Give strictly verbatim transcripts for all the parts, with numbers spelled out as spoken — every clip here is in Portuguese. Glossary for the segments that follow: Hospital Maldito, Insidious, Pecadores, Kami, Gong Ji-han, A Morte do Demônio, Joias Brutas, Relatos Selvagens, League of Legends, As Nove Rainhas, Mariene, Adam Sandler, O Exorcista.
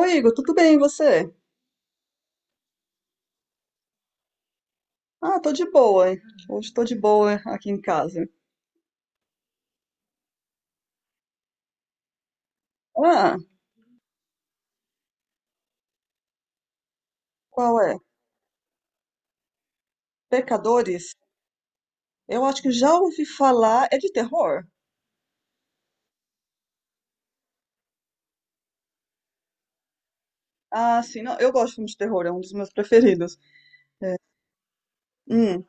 Oi, Igor, tudo bem, e você? Ah, tô de boa, hein? Hoje tô de boa aqui em casa. Ah, qual é? Pecadores? Eu acho que já ouvi falar. É de terror? Ah, sim, não, eu gosto de filme de terror, é um dos meus preferidos. Hum,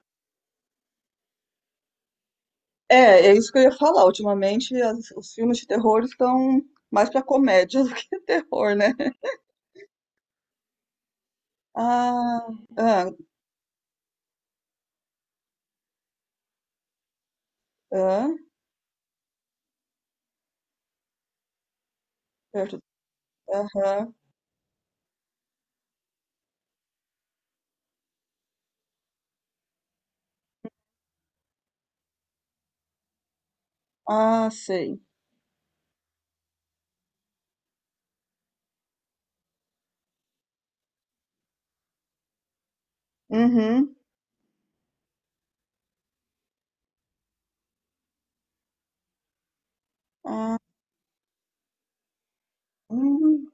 é, é isso que eu ia falar. Ultimamente, as- os filmes de terror estão mais pra comédia do que terror, né? Ah, ah, ah, perto. Aham. Ah, sei. Uhum. Ah, hum,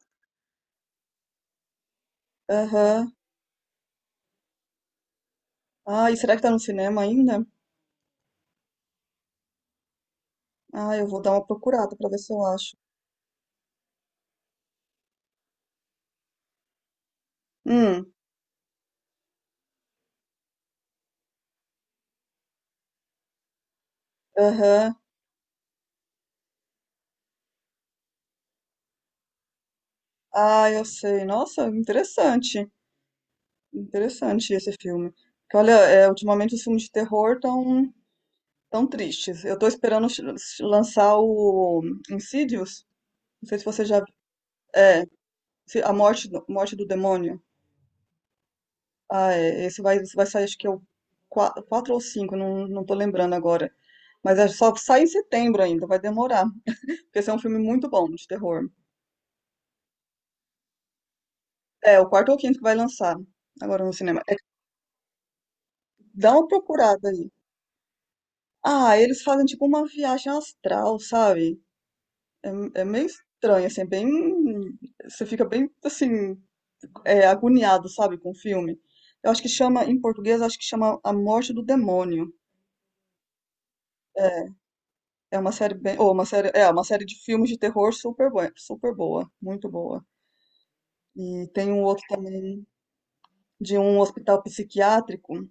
aham. Ah, e será que tá no cinema ainda? Ah, eu vou dar uma procurada pra ver se eu acho. Hum, aham. Ah, eu sei. Nossa, interessante. Interessante esse filme. Porque, olha, é, ultimamente os filmes de terror tão tão tristes. Eu tô esperando ch- lançar o Insidious. Não sei se você já... É, se- A Morte, do- Morte do Demônio. Ah, é. Esse vai, esse vai sair, acho que é o qua- quatro ou cinco, não, não tô lembrando agora. Mas é só sai em setembro ainda, vai demorar. Porque esse é um filme muito bom de terror. É, o quarto ou quinto que vai lançar agora no cinema. É, dá uma procurada aí. Ah, eles fazem tipo uma viagem astral, sabe? É, é meio estranho, assim, é bem. Você fica bem, assim, é, agoniado, sabe, com o filme. Eu acho que chama, em português, acho que chama A Morte do Demônio. É, é uma série bem. Ou uma série. É, uma série de filmes de terror super, bue- super boa. Muito boa. E tem um outro também de um hospital psiquiátrico.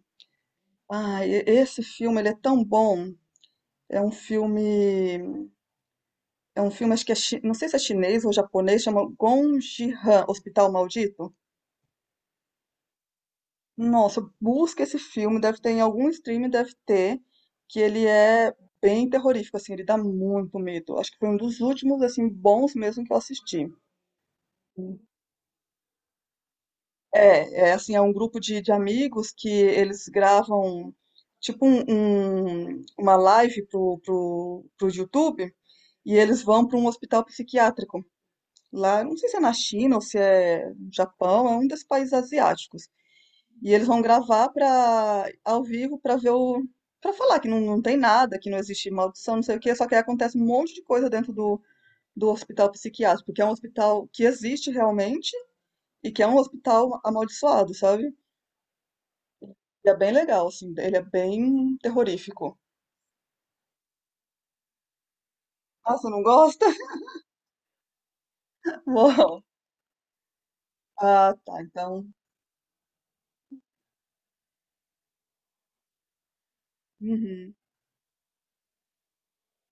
Ah, e- esse filme ele é tão bom. É um filme, é um filme acho que é, chi- não sei se é chinês ou japonês, chama Gong Ji-han, Hospital Maldito. Nossa, busca esse filme, deve ter em algum stream, deve ter, que ele é bem terrorífico, assim, ele dá muito medo. Acho que foi um dos últimos, assim, bons mesmo que eu assisti. É, é assim, é um grupo de, de amigos que eles gravam tipo um- um- uma live pro, pro, pro YouTube e eles vão para um hospital psiquiátrico. Lá, não sei se é na China ou se é no Japão, é um desses países asiáticos. E eles vão gravar para ao vivo para ver o para falar que não, não tem nada, que não existe maldição, não sei o quê, só que aí acontece um monte de coisa dentro do, do hospital psiquiátrico, porque é um hospital que existe realmente e que é um hospital amaldiçoado, sabe? E é bem legal, assim, ele é bem terrorífico. Ah, você não gosta? Uau! Ah, tá, então. Uhum.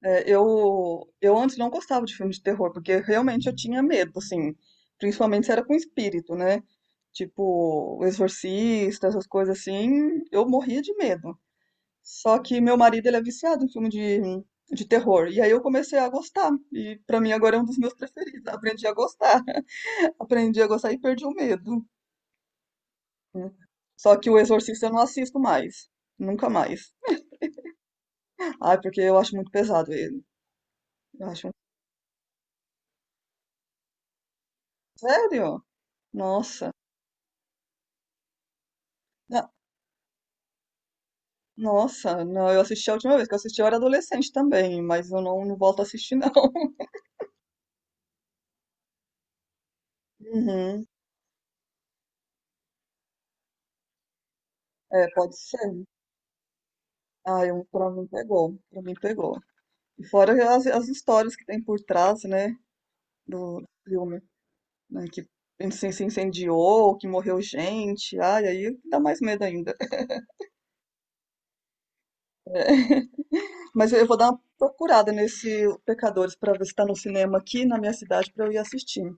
É, eu, eu antes não gostava de filme de terror, porque realmente eu tinha medo, assim, principalmente se era com espírito, né? Tipo, o exorcista, essas coisas assim, eu morria de medo. Só que meu marido, ele é viciado em filme de, de terror, e aí eu comecei a gostar, e pra mim agora é um dos meus preferidos, aprendi a gostar, aprendi a gostar e perdi o medo. Né? Só que o exorcista eu não assisto mais, nunca mais. Ai, porque eu acho muito pesado ele. Eu acho, um, sério? Nossa. Nossa, não, eu assisti a última vez que eu assisti eu era adolescente também, mas eu não, não volto a assistir não. Uhum. É, pode ser. Ah, eu, pra mim pegou, pra mim pegou. E fora as, as histórias que tem por trás, né, do filme, né, que se, se incendiou, que morreu gente, ai, aí dá mais medo ainda. É. Mas eu vou dar uma procurada nesse Pecadores pra ver se tá no cinema aqui na minha cidade pra eu ir assistir.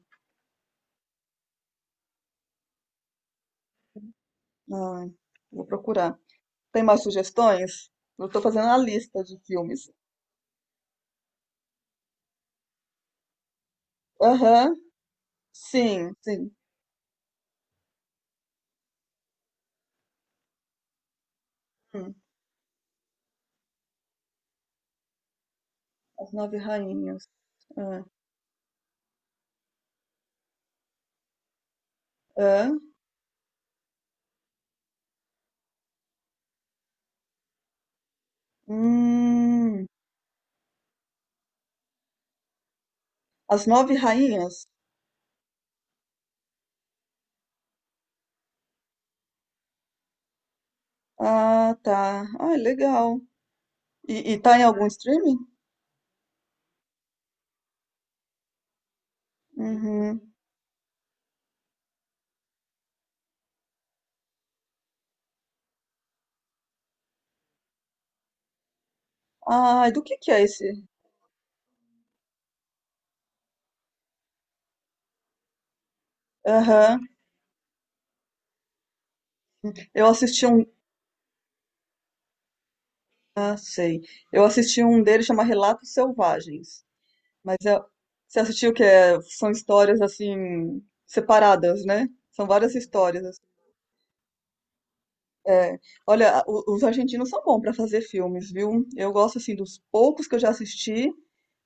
Ah, vou procurar. Tem mais sugestões? Eu tô fazendo a lista de filmes. Aham, sim, sim. Hum, As Nove Rainhas. Ah, ah, hum, As Nove Rainhas? Ah, tá. Ah, legal. E, e tá em algum streaming? Uhum. Ah, do que que é esse? Aham. Eu assisti um. Ah, sei. Eu assisti um dele chama Relatos Selvagens. Mas é... você assistiu que é... são histórias assim separadas, né? São várias histórias. É, olha, o- os argentinos são bons para fazer filmes, viu? Eu gosto assim dos poucos que eu já assisti,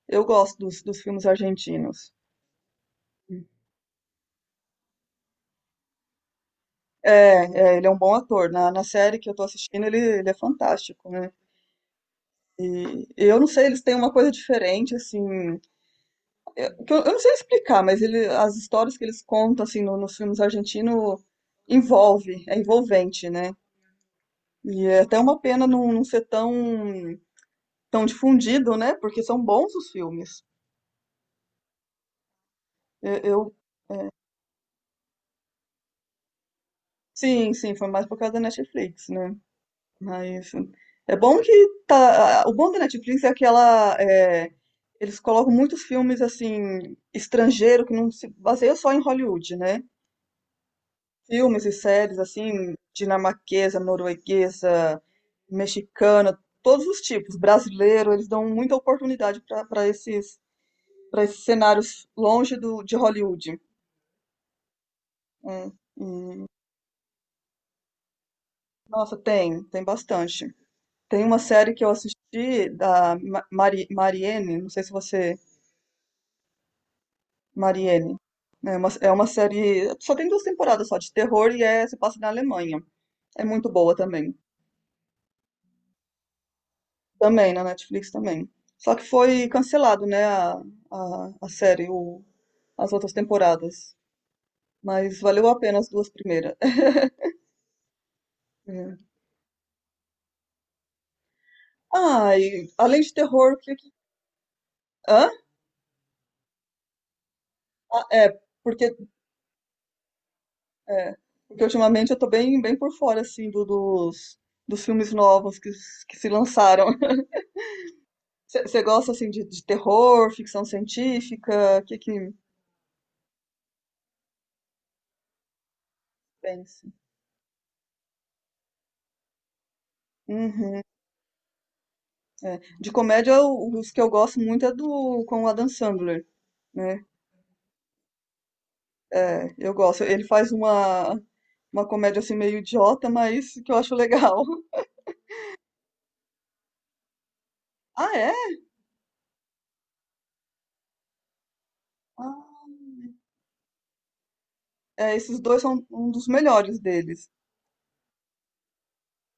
eu gosto dos, dos filmes argentinos. É, é, ele é um bom ator. Na, na série que eu tô assistindo, ele, ele é fantástico, né? E eu não sei, eles têm uma coisa diferente, assim, que eu, eu não sei explicar, mas ele, as histórias que eles contam, assim, no- nos filmes argentinos envolve, é envolvente, né? E é até uma pena não, não ser tão, tão difundido, né? Porque são bons os filmes. Eu, eu Sim, sim, foi mais por causa da Netflix, né? Mas hum, é bom que tá. O bom da Netflix é que ela, é, eles colocam muitos filmes assim estrangeiro que não se baseia só em Hollywood, né? Filmes e séries assim dinamarquesa, norueguesa, mexicana, todos os tipos. Brasileiro, eles dão muita oportunidade para para esses para esses cenários longe do de Hollywood. Hum, hum. Nossa, tem, tem bastante. Tem uma série que eu assisti da Ma- Mari, Mariene, não sei se você. Mariene. É uma, é uma série. Só tem duas temporadas só, de terror e é, se passa na Alemanha. É muito boa também. Também, na Netflix também. Só que foi cancelado, né, a, a, a série, o, as outras temporadas. Mas valeu a pena as duas primeiras. É. Ah, e além de terror, o que que. Hã? Ah, é, porque é, porque ultimamente eu tô bem, bem por fora, assim, do- dos, dos filmes novos que, s- que se lançaram. Você gosta, assim, de, de terror, ficção científica? O que que pensa? Uhum, é. De comédia, o- os que eu gosto muito é do com o Adam Sandler, né? É, eu gosto. Ele faz uma, uma comédia, assim, meio idiota, mas que eu acho legal. Ah, é? Ah, é, esses dois são um dos melhores deles.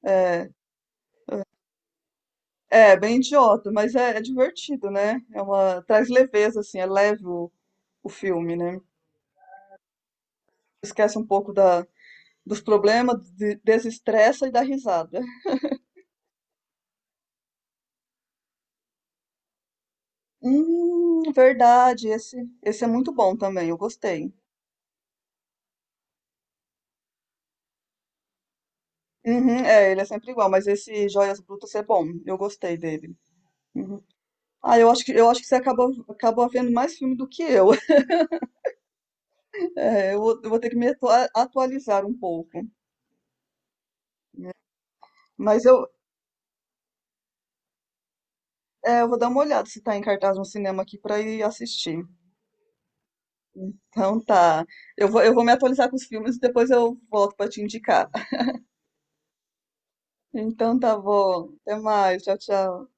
É. É, bem idiota, mas é, é divertido, né? É uma, traz leveza, assim, é leve o, o filme, né? Esquece um pouco da, dos problemas, de- desestressa e dá risada. Hum, verdade, esse, esse é muito bom também, eu gostei. Uhum, é, ele é sempre igual, mas esse Joias Brutas é bom, eu gostei dele. Uhum. Ah, eu acho que, eu acho que você acabou, acabou vendo mais filme do que eu. É, eu vou, eu vou ter que me atua- atualizar um pouco. Mas eu, é, eu vou dar uma olhada se tá em cartaz no cinema aqui pra ir assistir. Então tá. Eu vou, eu vou me atualizar com os filmes e depois eu volto pra te indicar. Então tá bom. Até mais. Tchau, tchau.